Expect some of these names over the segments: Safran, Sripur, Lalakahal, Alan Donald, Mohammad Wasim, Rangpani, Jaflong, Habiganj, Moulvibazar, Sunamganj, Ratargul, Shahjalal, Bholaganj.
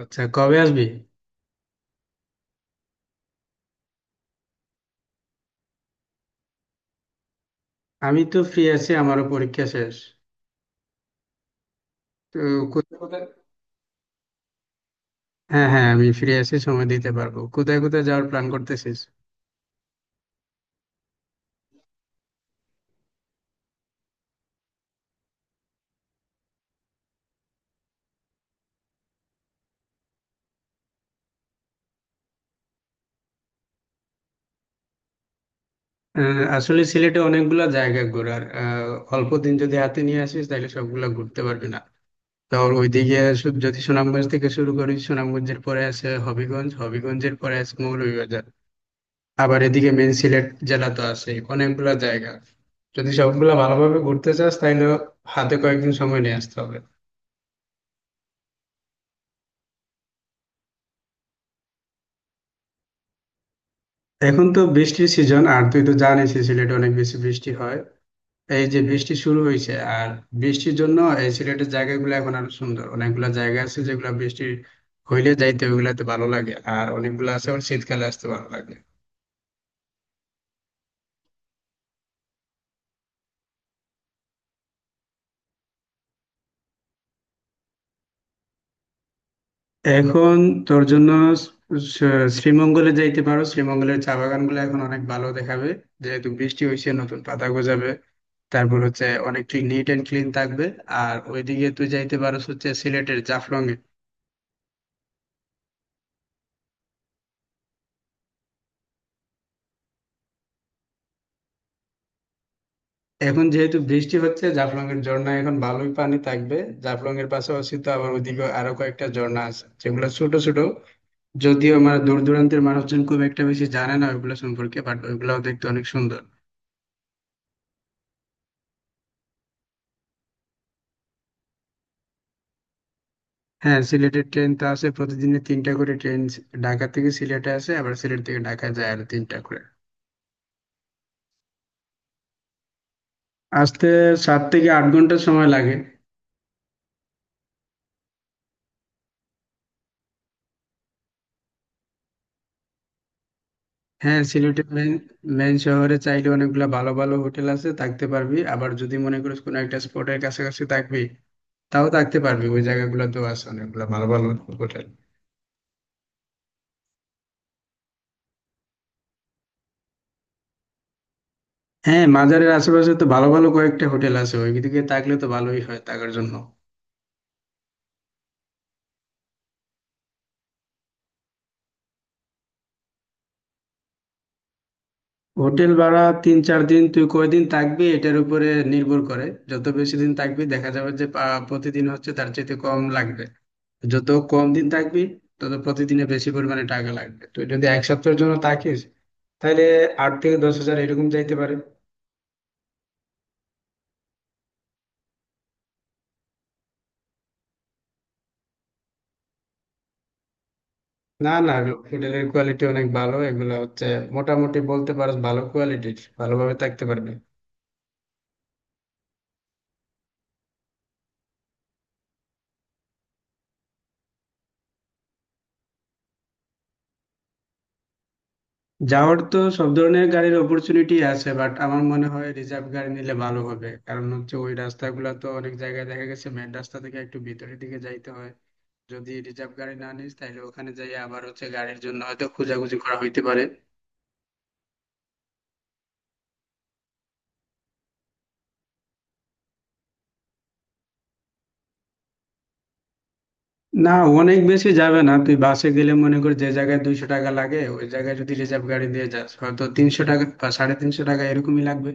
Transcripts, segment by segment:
আচ্ছা কবে আসবি? আমি তো ফ্রি আছি, আমারও পরীক্ষা শেষ। তো কোথায় কোথায়? হ্যাঁ হ্যাঁ, আমি ফ্রি আছি, সময় দিতে পারবো। কোথায় কোথায় যাওয়ার প্ল্যান করতেছিস? আসলে সিলেটে অনেকগুলা জায়গা ঘোরার, অল্প দিন যদি হাতে নিয়ে আসিস তাহলে সবগুলা ঘুরতে পারবি না। তো ওইদিকে যদি সুনামগঞ্জ থেকে শুরু করিস, সুনামগঞ্জের পরে আছে হবিগঞ্জ, হবিগঞ্জের পরে আছে মৌলভীবাজার। আবার এদিকে মেন সিলেট জেলা তো আছে, অনেকগুলা জায়গা। যদি সবগুলা ভালোভাবে ঘুরতে চাস তাহলে হাতে কয়েকদিন সময় নিয়ে আসতে হবে। এখন তো বৃষ্টির সিজন, আর তুই তো জানিস এই সিলেটে অনেক বেশি বৃষ্টি হয়। এই যে বৃষ্টি শুরু হয়েছে, আর বৃষ্টির জন্য এই সিলেটের জায়গাগুলো এখন আরো সুন্দর। অনেকগুলা জায়গা আছে যেগুলা বৃষ্টি হইলে যাইতে ওইগুলাতে ভালো লাগে, আর অনেকগুলো আছে আবার শীতকালে আসতে ভালো লাগে। এখন তোর জন্য শ্রীমঙ্গলে যাইতে পারো, শ্রীমঙ্গলের চা বাগানগুলো এখন অনেক ভালো দেখাবে। যেহেতু বৃষ্টি হয়েছে নতুন পাতা গজাবে, তারপর হচ্ছে অনেক ক্লিন, নিট এন্ড ক্লিন থাকবে। আর ওইদিকে তুই যাইতে পারো হচ্ছে সিলেটের জাফলং। এখন যেহেতু বৃষ্টি হচ্ছে জাফলং এর ঝর্ণায় এখন ভালোই পানি থাকবে। জাফলং এর পাশাপাশি তো আবার ওইদিকে আরো কয়েকটা ঝর্ণা আছে, যেগুলো ছোট ছোট। যদিও মানে দূর দূরান্তের মানুষজন খুব একটা বেশি জানে না ওইগুলো সম্পর্কে, বাট ওইগুলাও দেখতে অনেক সুন্দর। হ্যাঁ, সিলেটের ট্রেন তো আছে, প্রতিদিনে তিনটা করে ট্রেন ঢাকা থেকে সিলেটে আসে, আবার সিলেট থেকে ঢাকা যায় আর তিনটা করে। আসতে 7 থেকে 8 ঘন্টা সময় লাগে। হ্যাঁ, সিলেটের মেন মেন শহরে চাইলে অনেকগুলা ভালো ভালো হোটেল আছে, থাকতে পারবি। আবার যদি মনে করিস কোনো একটা স্পটের কাছাকাছি থাকবি, তাও থাকতে পারবি, ওই জায়গাগুলোতেও আছে অনেকগুলো ভালো ভালো হোটেল। হ্যাঁ, মাজারের আশেপাশে তো ভালো ভালো কয়েকটা হোটেল আছে, ওইদিকে থাকলে তো ভালোই হয় থাকার জন্য। হোটেল ভাড়া তিন চার দিন, তুই কয়দিন থাকবি এটার উপরে নির্ভর করে। যত বেশি দিন থাকবি দেখা যাবে যে প্রতিদিন হচ্ছে তার চাইতে কম লাগবে। যত কম দিন থাকবি তত প্রতিদিনে বেশি পরিমাণে টাকা লাগবে। তুই যদি এক সপ্তাহের জন্য থাকিস তাহলে 8 থেকে 10 হাজার এরকম যাইতে পারে। না না, হোটেলের কোয়ালিটি অনেক ভালো। এগুলা হচ্ছে মোটামুটি বলতে পারো ভালো কোয়ালিটির, ভালোভাবে থাকতে পারবে। যাওয়ার তো সব ধরনের গাড়ির অপরচুনিটি আছে, বাট আমার মনে হয় রিজার্ভ গাড়ি নিলে ভালো হবে। কারণ হচ্ছে ওই রাস্তাগুলো তো অনেক জায়গায় দেখা গেছে মেন রাস্তা থেকে একটু ভিতরের দিকে যাইতে হয়। যদি রিজার্ভ গাড়ি না নিস তাহলে ওখানে যাই আবার হচ্ছে গাড়ির জন্য হয়তো খোঁজাখুঁজি করা হইতে পারে। না, অনেক বেশি যাবে না। তুই বাসে গেলে মনে কর যে জায়গায় 200 টাকা লাগে, ওই জায়গায় যদি রিজার্ভ গাড়ি দিয়ে যাস হয়তো 300 টাকা বা 350 টাকা এরকমই লাগবে।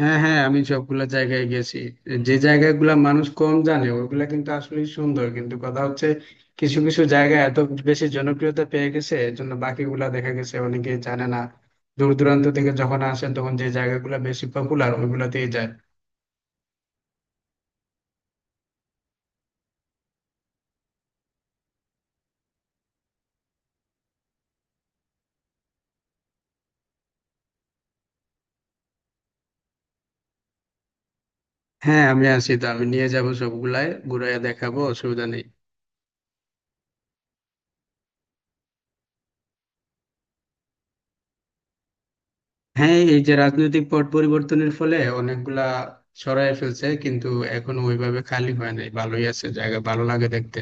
হ্যাঁ হ্যাঁ, আমি সবগুলা জায়গায় গেছি। যে জায়গাগুলা মানুষ কম জানে ওইগুলা কিন্তু আসলে সুন্দর, কিন্তু কথা হচ্ছে কিছু কিছু জায়গা এত বেশি জনপ্রিয়তা পেয়ে গেছে এর জন্য বাকিগুলা দেখা গেছে অনেকে জানে না। দূর দূরান্ত থেকে যখন আসেন তখন যে জায়গাগুলা বেশি পপুলার ওইগুলাতেই যায়। হ্যাঁ আমি আছি তো, আমি নিয়ে যাব, সবগুলাই ঘুরাইয়া দেখাবো, অসুবিধা নেই। হ্যাঁ, এই যে রাজনৈতিক পট পরিবর্তনের ফলে অনেকগুলা সরায় ফেলছে, কিন্তু এখন ওইভাবে খালি হয় নাই, ভালোই আছে, জায়গা ভালো লাগে দেখতে।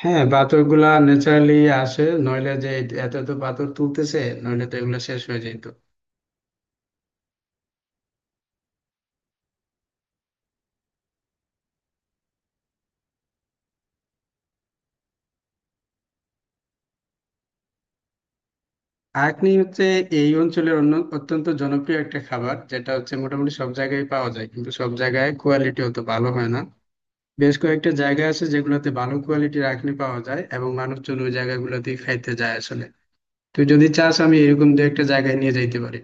হ্যাঁ, পাথর গুলা ন্যাচারালি আসে, নইলে যে এত এত পাথর তুলতেছে নইলে তো এগুলো শেষ হয়ে যেত। আঁকনি হচ্ছে এই অঞ্চলের অন্য অত্যন্ত জনপ্রিয় একটা খাবার, যেটা হচ্ছে মোটামুটি সব জায়গায় পাওয়া যায়, কিন্তু সব জায়গায় কোয়ালিটি অত ভালো হয় না। বেশ কয়েকটা জায়গা আছে যেগুলোতে ভালো কোয়ালিটির আঁকনি পাওয়া যায়, এবং মানুষজন ওই জায়গাগুলোতেই খাইতে যায় আসলে। তুই যদি চাস আমি এরকম দু একটা জায়গায় নিয়ে যাইতে পারি।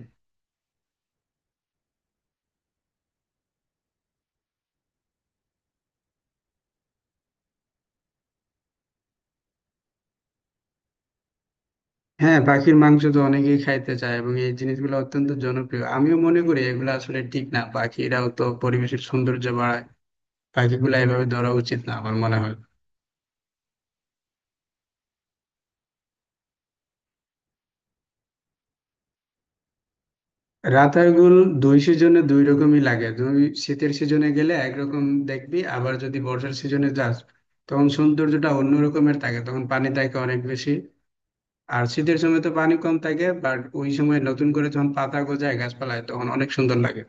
হ্যাঁ, পাখির মাংস তো অনেকেই খাইতে চায় এবং এই জিনিসগুলো অত্যন্ত জনপ্রিয়, আমিও মনে করি এগুলো আসলে ঠিক না, পাখিরাও তো পরিবেশের সৌন্দর্য বাড়ায়। পাখিগুলো এভাবে ধরা উচিত না আমার মনে হয়। রাতারগুল দুই সিজনে দুই রকমই লাগে। তুমি শীতের সিজনে গেলে একরকম দেখবি, আবার যদি বর্ষার সিজনে যাস তখন সৌন্দর্যটা অন্য রকমের থাকে, তখন পানি থাকে অনেক বেশি। আর শীতের সময় তো পানি কম থাকে, বাট ওই সময় নতুন করে যখন পাতা গজায় গাছপালায় তখন অনেক সুন্দর লাগে।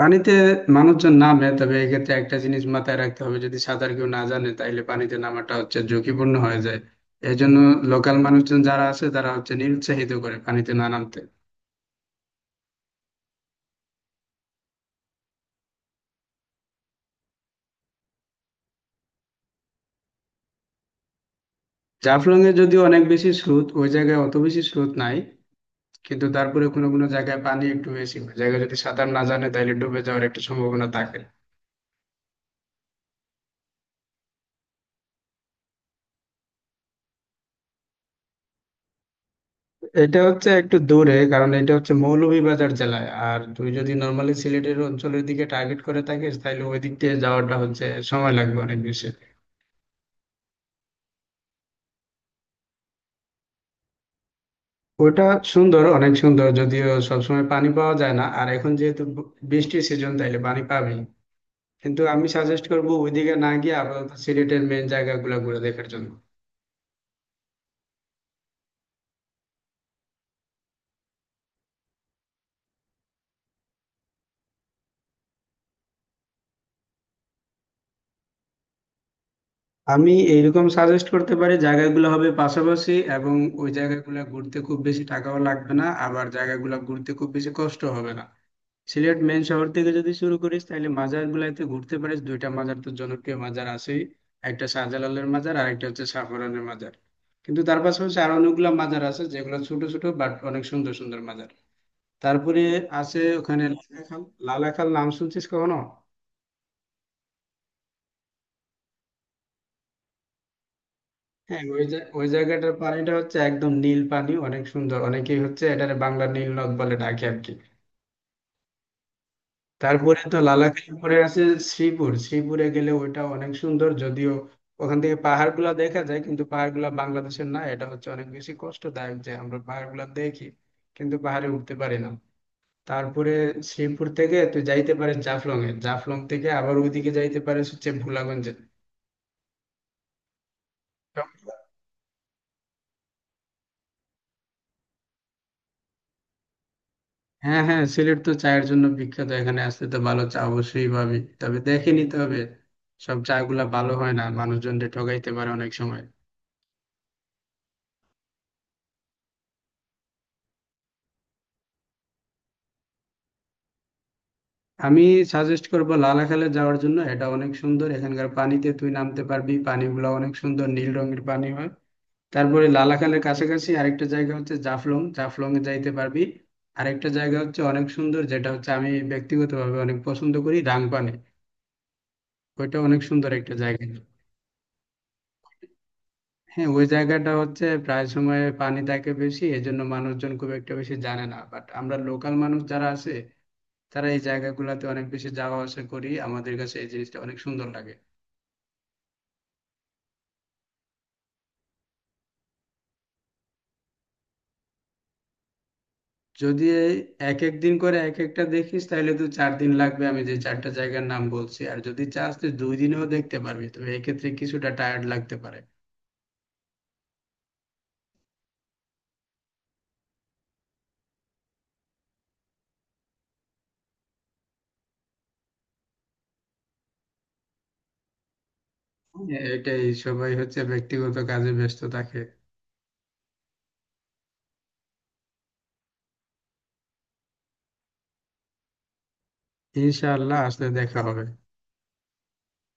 পানিতে মানুষজন নামে, তবে এক্ষেত্রে একটা জিনিস মাথায় রাখতে হবে, যদি সাঁতার কেউ না জানে তাহলে পানিতে নামাটা হচ্ছে ঝুঁকিপূর্ণ হয়ে যায়। এই জন্য লোকাল মানুষজন যারা আছে তারা হচ্ছে নিরুৎসাহিত করে পানিতে না নামতে। জাফলং এ যদিও অনেক বেশি স্রোত, ওই জায়গায় অত বেশি স্রোত নাই, কিন্তু তারপরে কোনো কোনো জায়গায় পানি একটু বেশি, ওই জায়গায় যদি সাঁতার না জানে তাহলে ডুবে যাওয়ার একটা সম্ভাবনা থাকে। এটা হচ্ছে একটু দূরে, কারণ এটা হচ্ছে মৌলভীবাজার জেলায়। আর তুই যদি নর্মালি সিলেটের অঞ্চলের দিকে টার্গেট করে থাকিস তাহলে ওই দিক দিয়ে যাওয়াটা হচ্ছে সময় লাগবে অনেক বেশি। ওটা সুন্দর, অনেক সুন্দর, যদিও সবসময় পানি পাওয়া যায় না। আর এখন যেহেতু বৃষ্টির সিজন তাইলে পানি পাবেই। কিন্তু আমি সাজেস্ট করব ওইদিকে না গিয়ে আপাতত সিলেটের মেন জায়গাগুলো ঘুরে দেখার জন্য। আমি এইরকম সাজেস্ট করতে পারি, জায়গাগুলো হবে পাশাপাশি, এবং ওই জায়গাগুলো ঘুরতে খুব বেশি টাকাও লাগবে না, আবার জায়গাগুলো ঘুরতে খুব বেশি কষ্ট হবে না। সিলেট মেন শহর থেকে যদি শুরু করিস তাহলে মাজার গুলাইতে ঘুরতে পারিস, দুইটা মাজার তো জনপ্রিয় মাজার আছেই। একটা শাহজালালের মাজার, আর একটা হচ্ছে সাফরানের মাজার। কিন্তু তার পাশাপাশি আরো অনেকগুলো মাজার আছে, যেগুলো ছোট ছোট বাট অনেক সুন্দর সুন্দর মাজার। তারপরে আছে ওখানে লালাখাল। লালাখাল নাম শুনছিস কখনো? হ্যাঁ, ওই জায়গাটার পানিটা হচ্ছে একদম নীল পানি, অনেক সুন্দর। অনেকেই হচ্ছে এটারে বাংলার নীল নদ বলে ডাকে আর কি। তারপরে তো লালাখাই পরে আছে শ্রীপুর। শ্রীপুরে গেলে ওইটা অনেক সুন্দর, যদিও ওখান থেকে পাহাড়গুলা দেখা যায় কিন্তু পাহাড়গুলা বাংলাদেশের না, এটা হচ্ছে অনেক বেশি কষ্টদায়ক যে আমরা পাহাড়গুলা দেখি কিন্তু পাহাড়ে উঠতে পারি না। তারপরে শ্রীপুর থেকে তুই যাইতে পারিস জাফলং এ, জাফলং থেকে আবার ওইদিকে যাইতে পারিস হচ্ছে ভোলাগঞ্জে। হ্যাঁ হ্যাঁ, সিলেট তো চায়ের জন্য বিখ্যাত, এখানে আসতে তো ভালো চা অবশ্যই পাবি, তবে দেখে নিতে হবে। সব চা গুলা ভালো হয় না, মানুষজনকে ঠকাইতে পারে অনেক সময়। আমি সাজেস্ট করব লালাখালে যাওয়ার জন্য, এটা অনেক সুন্দর, এখানকার পানিতে তুই নামতে পারবি, পানিগুলো অনেক সুন্দর নীল রঙের পানি হয়। তারপরে লালাখালের কাছাকাছি আরেকটা জায়গা হচ্ছে জাফলং, জাফলং এ যাইতে পারবি। আরেকটা জায়গা হচ্ছে অনেক সুন্দর, যেটা হচ্ছে আমি ব্যক্তিগতভাবে অনেক পছন্দ করি, রাংপানে। ওইটা অনেক সুন্দর একটা জায়গা। হ্যাঁ, ওই জায়গাটা হচ্ছে প্রায় সময় পানি থাকে বেশি, এই জন্য মানুষজন খুব একটা বেশি জানে না, বাট আমরা লোকাল মানুষ যারা আছে তারা এই জায়গাগুলোতে অনেক বেশি যাওয়া আসা করি, আমাদের কাছে এই জিনিসটা অনেক সুন্দর লাগে। যদি এই এক এক দিন করে এক একটা দেখিস তাহলে তো 4 দিন লাগবে, আমি যে চারটা জায়গার নাম বলছি। আর যদি চাস তুই 2 দিনেও দেখতে পারবি, তবে এক্ষেত্রে কিছুটা টায়ার্ড লাগতে পারে। হ্যাঁ, এটাই, সবাই হচ্ছে ব্যক্তিগত কাজে ব্যস্ত থাকে। ইনশাআল্লাহ, আসলে দেখা হবে।